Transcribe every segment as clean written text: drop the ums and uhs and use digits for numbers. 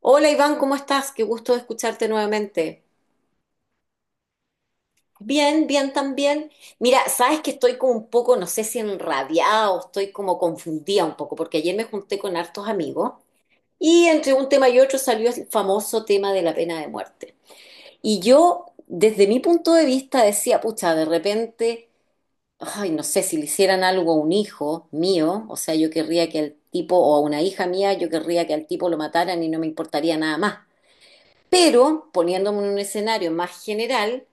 Hola Iván, ¿cómo estás? Qué gusto escucharte nuevamente. Bien, bien también. Mira, sabes que estoy como un poco, no sé si enrabiada o estoy como confundida un poco, porque ayer me junté con hartos amigos y entre un tema y otro salió el famoso tema de la pena de muerte. Y yo, desde mi punto de vista, decía, pucha, de repente, ay, no sé, si le hicieran algo a un hijo mío, o sea, yo querría que al tipo, o a una hija mía, yo querría que al tipo lo mataran y no me importaría nada más. Pero poniéndome en un escenario más general,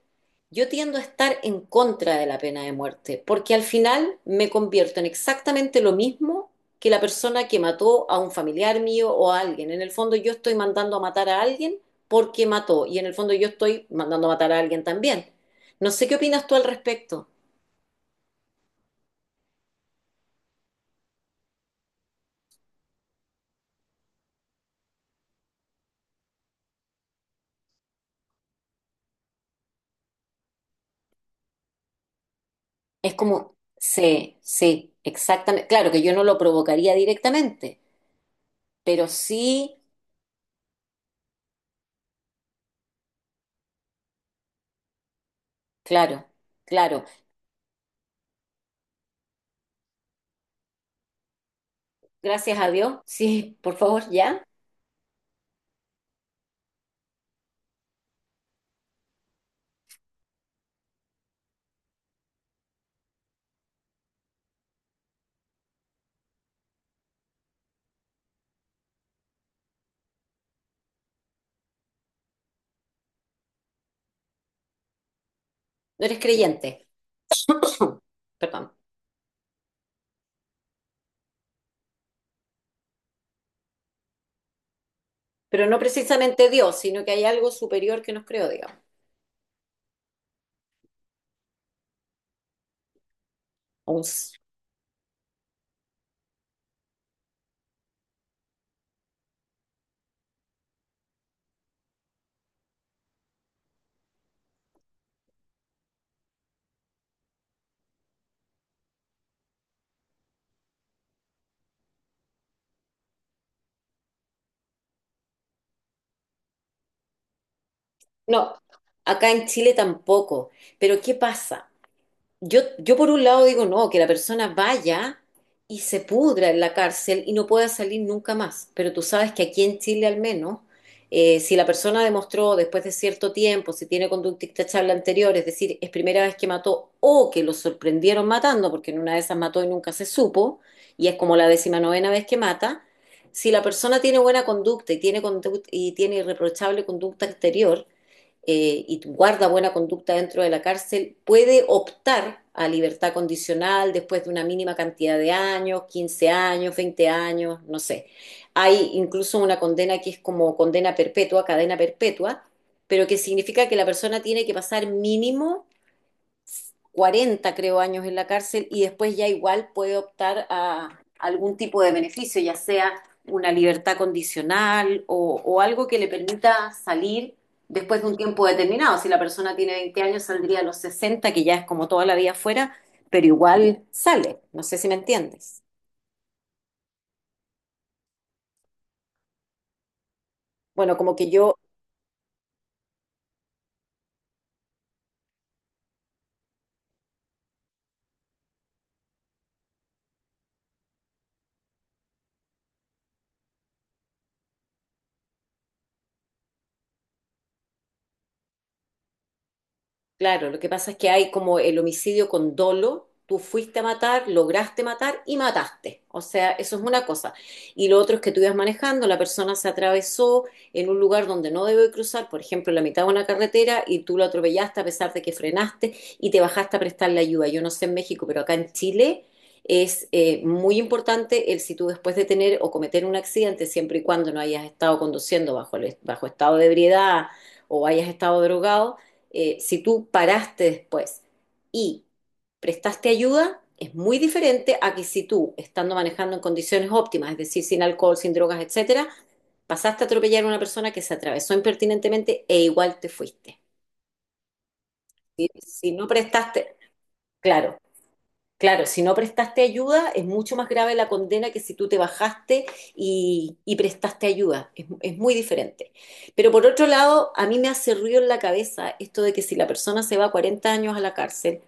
yo tiendo a estar en contra de la pena de muerte, porque al final me convierto en exactamente lo mismo que la persona que mató a un familiar mío o a alguien. En el fondo yo estoy mandando a matar a alguien porque mató y en el fondo yo estoy mandando a matar a alguien también. No sé qué opinas tú al respecto. Es como, sí, sí, exactamente. Claro que yo no lo provocaría directamente, pero sí, claro, claro. Gracias a Dios. Sí, por favor, ya. No eres creyente. Perdón. Pero no precisamente Dios, sino que hay algo superior que nos creó, digamos. Un s- No, acá en Chile tampoco. Pero ¿qué pasa? Yo por un lado digo, no, que la persona vaya y se pudra en la cárcel y no pueda salir nunca más. Pero tú sabes que aquí en Chile al menos, si la persona demostró después de cierto tiempo, si tiene conducta intachable anterior, es decir, es primera vez que mató o que lo sorprendieron matando, porque en una de esas mató y nunca se supo, y es como la 19.ª vez que mata, si la persona tiene buena conducta y tiene irreprochable conducta anterior, y guarda buena conducta dentro de la cárcel, puede optar a libertad condicional después de una mínima cantidad de años, 15 años, 20 años, no sé. Hay incluso una condena que es como condena perpetua, cadena perpetua, pero que significa que la persona tiene que pasar mínimo 40 creo, años en la cárcel y después ya igual puede optar a algún tipo de beneficio, ya sea una libertad condicional o algo que le permita salir después de un tiempo determinado. Si la persona tiene 20 años, saldría a los 60 que ya es como toda la vida fuera, pero igual sale. No sé si me entiendes. Bueno, como que yo. Claro, lo que pasa es que hay como el homicidio con dolo, tú fuiste a matar, lograste matar y mataste. O sea, eso es una cosa. Y lo otro es que tú ibas manejando, la persona se atravesó en un lugar donde no debe cruzar, por ejemplo, la mitad de una carretera y tú lo atropellaste a pesar de que frenaste y te bajaste a prestarle ayuda. Yo no sé en México, pero acá en Chile es muy importante el si tú después de tener o cometer un accidente, siempre y cuando no hayas estado conduciendo bajo estado de ebriedad o hayas estado drogado, si tú paraste después y prestaste ayuda, es muy diferente a que si tú, estando manejando en condiciones óptimas, es decir, sin alcohol, sin drogas, etcétera, pasaste a atropellar a una persona que se atravesó impertinentemente e igual te fuiste. Si no prestaste, claro. Claro, si no prestaste ayuda, es mucho más grave la condena que si tú te bajaste y prestaste ayuda. Es muy diferente. Pero por otro lado, a mí me hace ruido en la cabeza esto de que si la persona se va 40 años a la cárcel,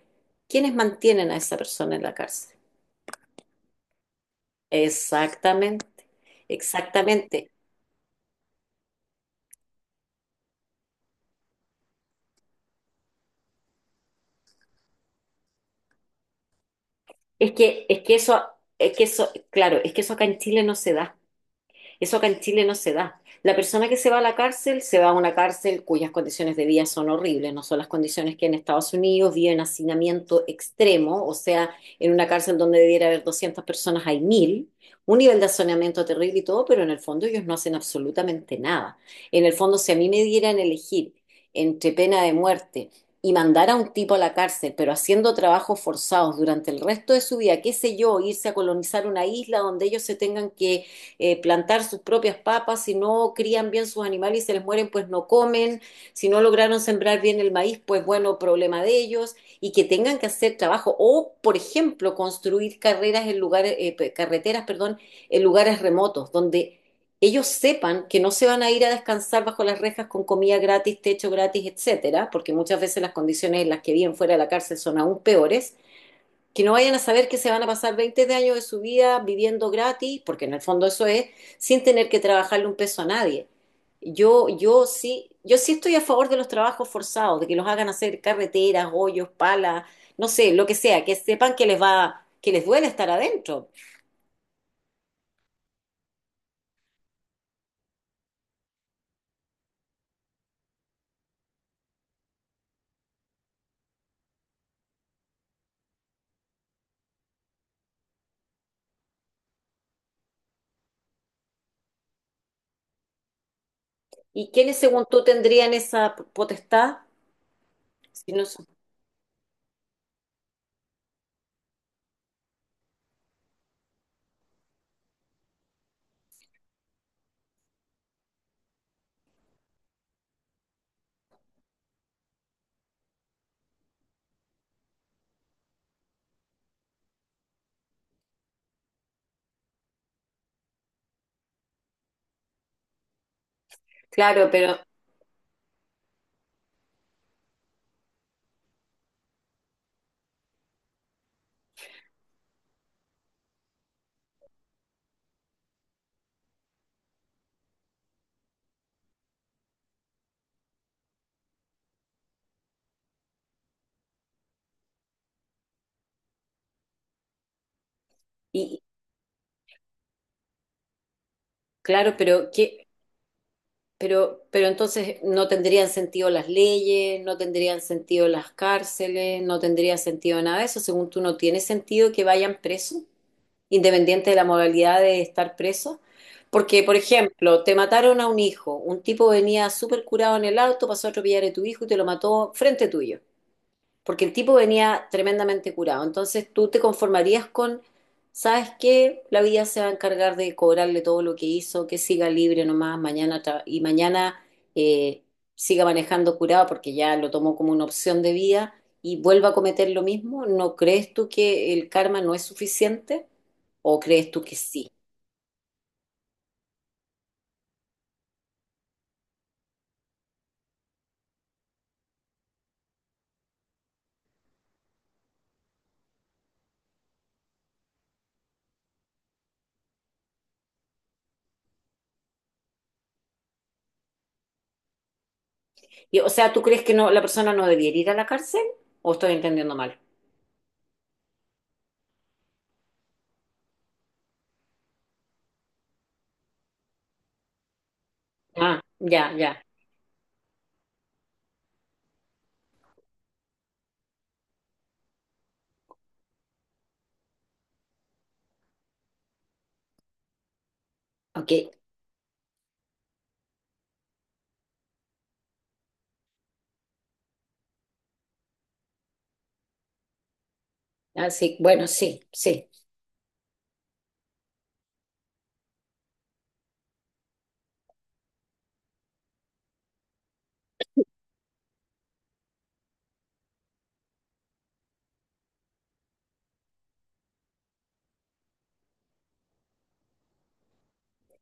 ¿quiénes mantienen a esa persona en la cárcel? Exactamente, exactamente. Es que, es que eso, es que eso, claro, es que eso acá en Chile no se da. Eso acá en Chile no se da. La persona que se va a la cárcel se va a una cárcel cuyas condiciones de vida son horribles, no son las condiciones que en Estados Unidos vive en hacinamiento extremo, o sea, en una cárcel donde debiera haber 200 personas, hay 1000. Un nivel de hacinamiento terrible y todo, pero en el fondo ellos no hacen absolutamente nada. En el fondo, si a mí me dieran elegir entre pena de muerte y mandar a un tipo a la cárcel, pero haciendo trabajos forzados durante el resto de su vida, qué sé yo, irse a colonizar una isla donde ellos se tengan que plantar sus propias papas, si no crían bien sus animales y se les mueren, pues no comen, si no lograron sembrar bien el maíz, pues bueno, problema de ellos, y que tengan que hacer trabajo, o por ejemplo, construir carreras en lugares, carreteras, perdón, en lugares remotos, donde ellos sepan que no se van a ir a descansar bajo las rejas con comida gratis, techo gratis, etcétera, porque muchas veces las condiciones en las que viven fuera de la cárcel son aún peores, que no vayan a saber que se van a pasar 20 años de su vida viviendo gratis, porque en el fondo eso es, sin tener que trabajarle un peso a nadie. Yo sí estoy a favor de los trabajos forzados, de que los hagan hacer carreteras, hoyos, palas, no sé, lo que sea, que sepan que les va, que les duele estar adentro. ¿Y quiénes, según tú, tendrían esa potestad? Si no son- Claro, pero, y, claro, pero. Pero entonces no tendrían sentido las leyes, no tendrían sentido las cárceles, no tendría sentido nada de eso. Según tú, no tiene sentido que vayan presos, independiente de la modalidad de estar presos. Porque, por ejemplo, te mataron a un hijo, un tipo venía súper curado en el auto, pasó a atropellar a tu hijo y te lo mató frente tuyo porque el tipo venía tremendamente curado. Entonces tú te conformarías con, ¿sabes qué? La vida se va a encargar de cobrarle todo lo que hizo, que siga libre nomás mañana y mañana eh, siga manejando curado porque ya lo tomó como una opción de vida y vuelva a cometer lo mismo. ¿No crees tú que el karma no es suficiente? ¿O crees tú que sí? Y, o sea, ¿tú crees que no, la persona no debería ir a la cárcel? ¿O estoy entendiendo mal? Ah, ya, ya. Ok. Ah, sí, bueno, sí, sí.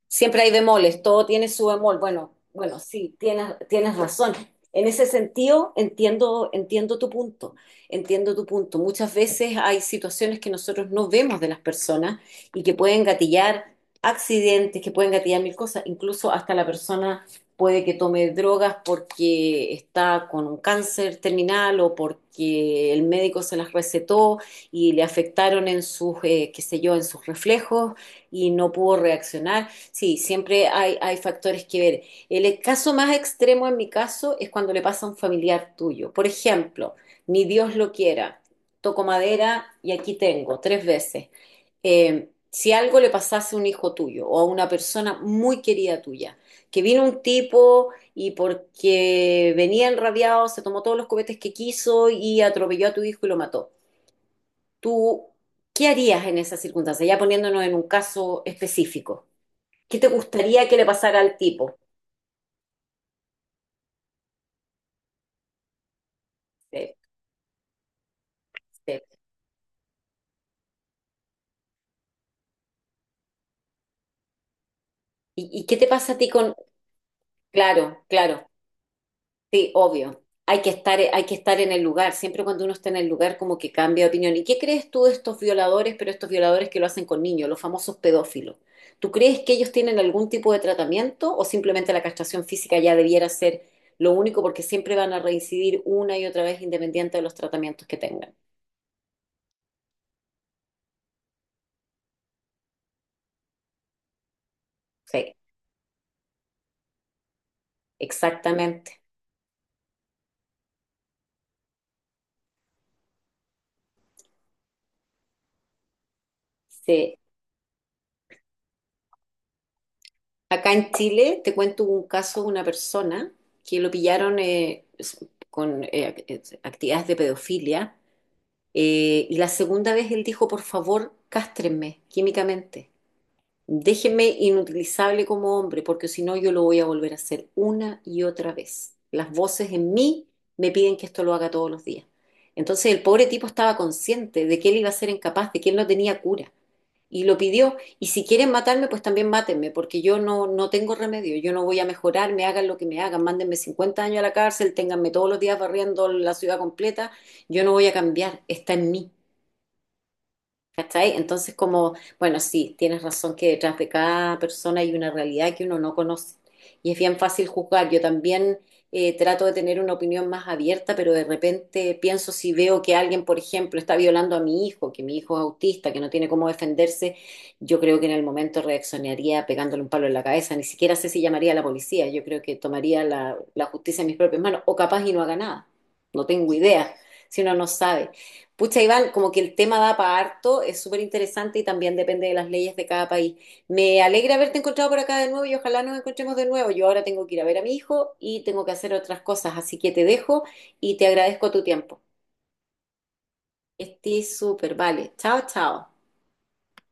Siempre hay bemoles, todo tiene su bemol. Bueno, bueno, sí, tienes razón. En ese sentido, entiendo, entiendo tu punto, entiendo tu punto. Muchas veces hay situaciones que nosotros no vemos de las personas y que pueden gatillar accidentes, que pueden gatillar mil cosas. Incluso hasta la persona puede que tome drogas porque está con un cáncer terminal o porque el médico se las recetó y le afectaron en sus, qué sé yo, en sus reflejos y no pudo reaccionar. Sí, siempre hay, hay factores que ver. El caso más extremo en mi caso es cuando le pasa a un familiar tuyo. Por ejemplo, ni Dios lo quiera, toco madera y aquí tengo tres veces. Si algo le pasase a un hijo tuyo o a una persona muy querida tuya, que vino un tipo y porque venía enrabiado se tomó todos los cohetes que quiso y atropelló a tu hijo y lo mató. ¿Tú qué harías en esa circunstancia? Ya poniéndonos en un caso específico. ¿Qué te gustaría que le pasara al tipo? Sí, sí. ¿Y qué te pasa a ti con...? Claro, claro, sí, obvio. Hay que estar en el lugar. Siempre cuando uno está en el lugar como que cambia de opinión. ¿Y qué crees tú de estos violadores, pero estos violadores que lo hacen con niños, los famosos pedófilos? ¿Tú crees que ellos tienen algún tipo de tratamiento o simplemente la castración física ya debiera ser lo único porque siempre van a reincidir una y otra vez independiente de los tratamientos que tengan? Sí, exactamente. Sí, acá en Chile te cuento un caso de una persona que lo pillaron con actividades de pedofilia y la segunda vez él dijo, por favor, cástrenme químicamente, déjenme inutilizable como hombre porque si no yo lo voy a volver a hacer una y otra vez. Las voces en mí me piden que esto lo haga todos los días. Entonces el pobre tipo estaba consciente de que él iba a ser incapaz, de que él no tenía cura y lo pidió. Y si quieren matarme, pues también mátenme, porque yo no, no tengo remedio, yo no voy a mejorar, me hagan lo que me hagan, mándenme 50 años a la cárcel, ténganme todos los días barriendo la ciudad completa, yo no voy a cambiar, está en mí. ¿Cachai? Entonces, como, bueno, sí, tienes razón que detrás de cada persona hay una realidad que uno no conoce y es bien fácil juzgar. Yo también trato de tener una opinión más abierta, pero de repente pienso si veo que alguien, por ejemplo, está violando a mi hijo, que mi hijo es autista, que no tiene cómo defenderse, yo creo que en el momento reaccionaría pegándole un palo en la cabeza. Ni siquiera sé si llamaría a la policía. Yo creo que tomaría la justicia en mis propias manos o capaz y no haga nada. No tengo idea, si uno no sabe. Pucha, Iván, como que el tema da para harto, es súper interesante y también depende de las leyes de cada país. Me alegra haberte encontrado por acá de nuevo y ojalá nos encontremos de nuevo. Yo ahora tengo que ir a ver a mi hijo y tengo que hacer otras cosas, así que te dejo y te agradezco tu tiempo. Estoy súper, vale. Chao, chao.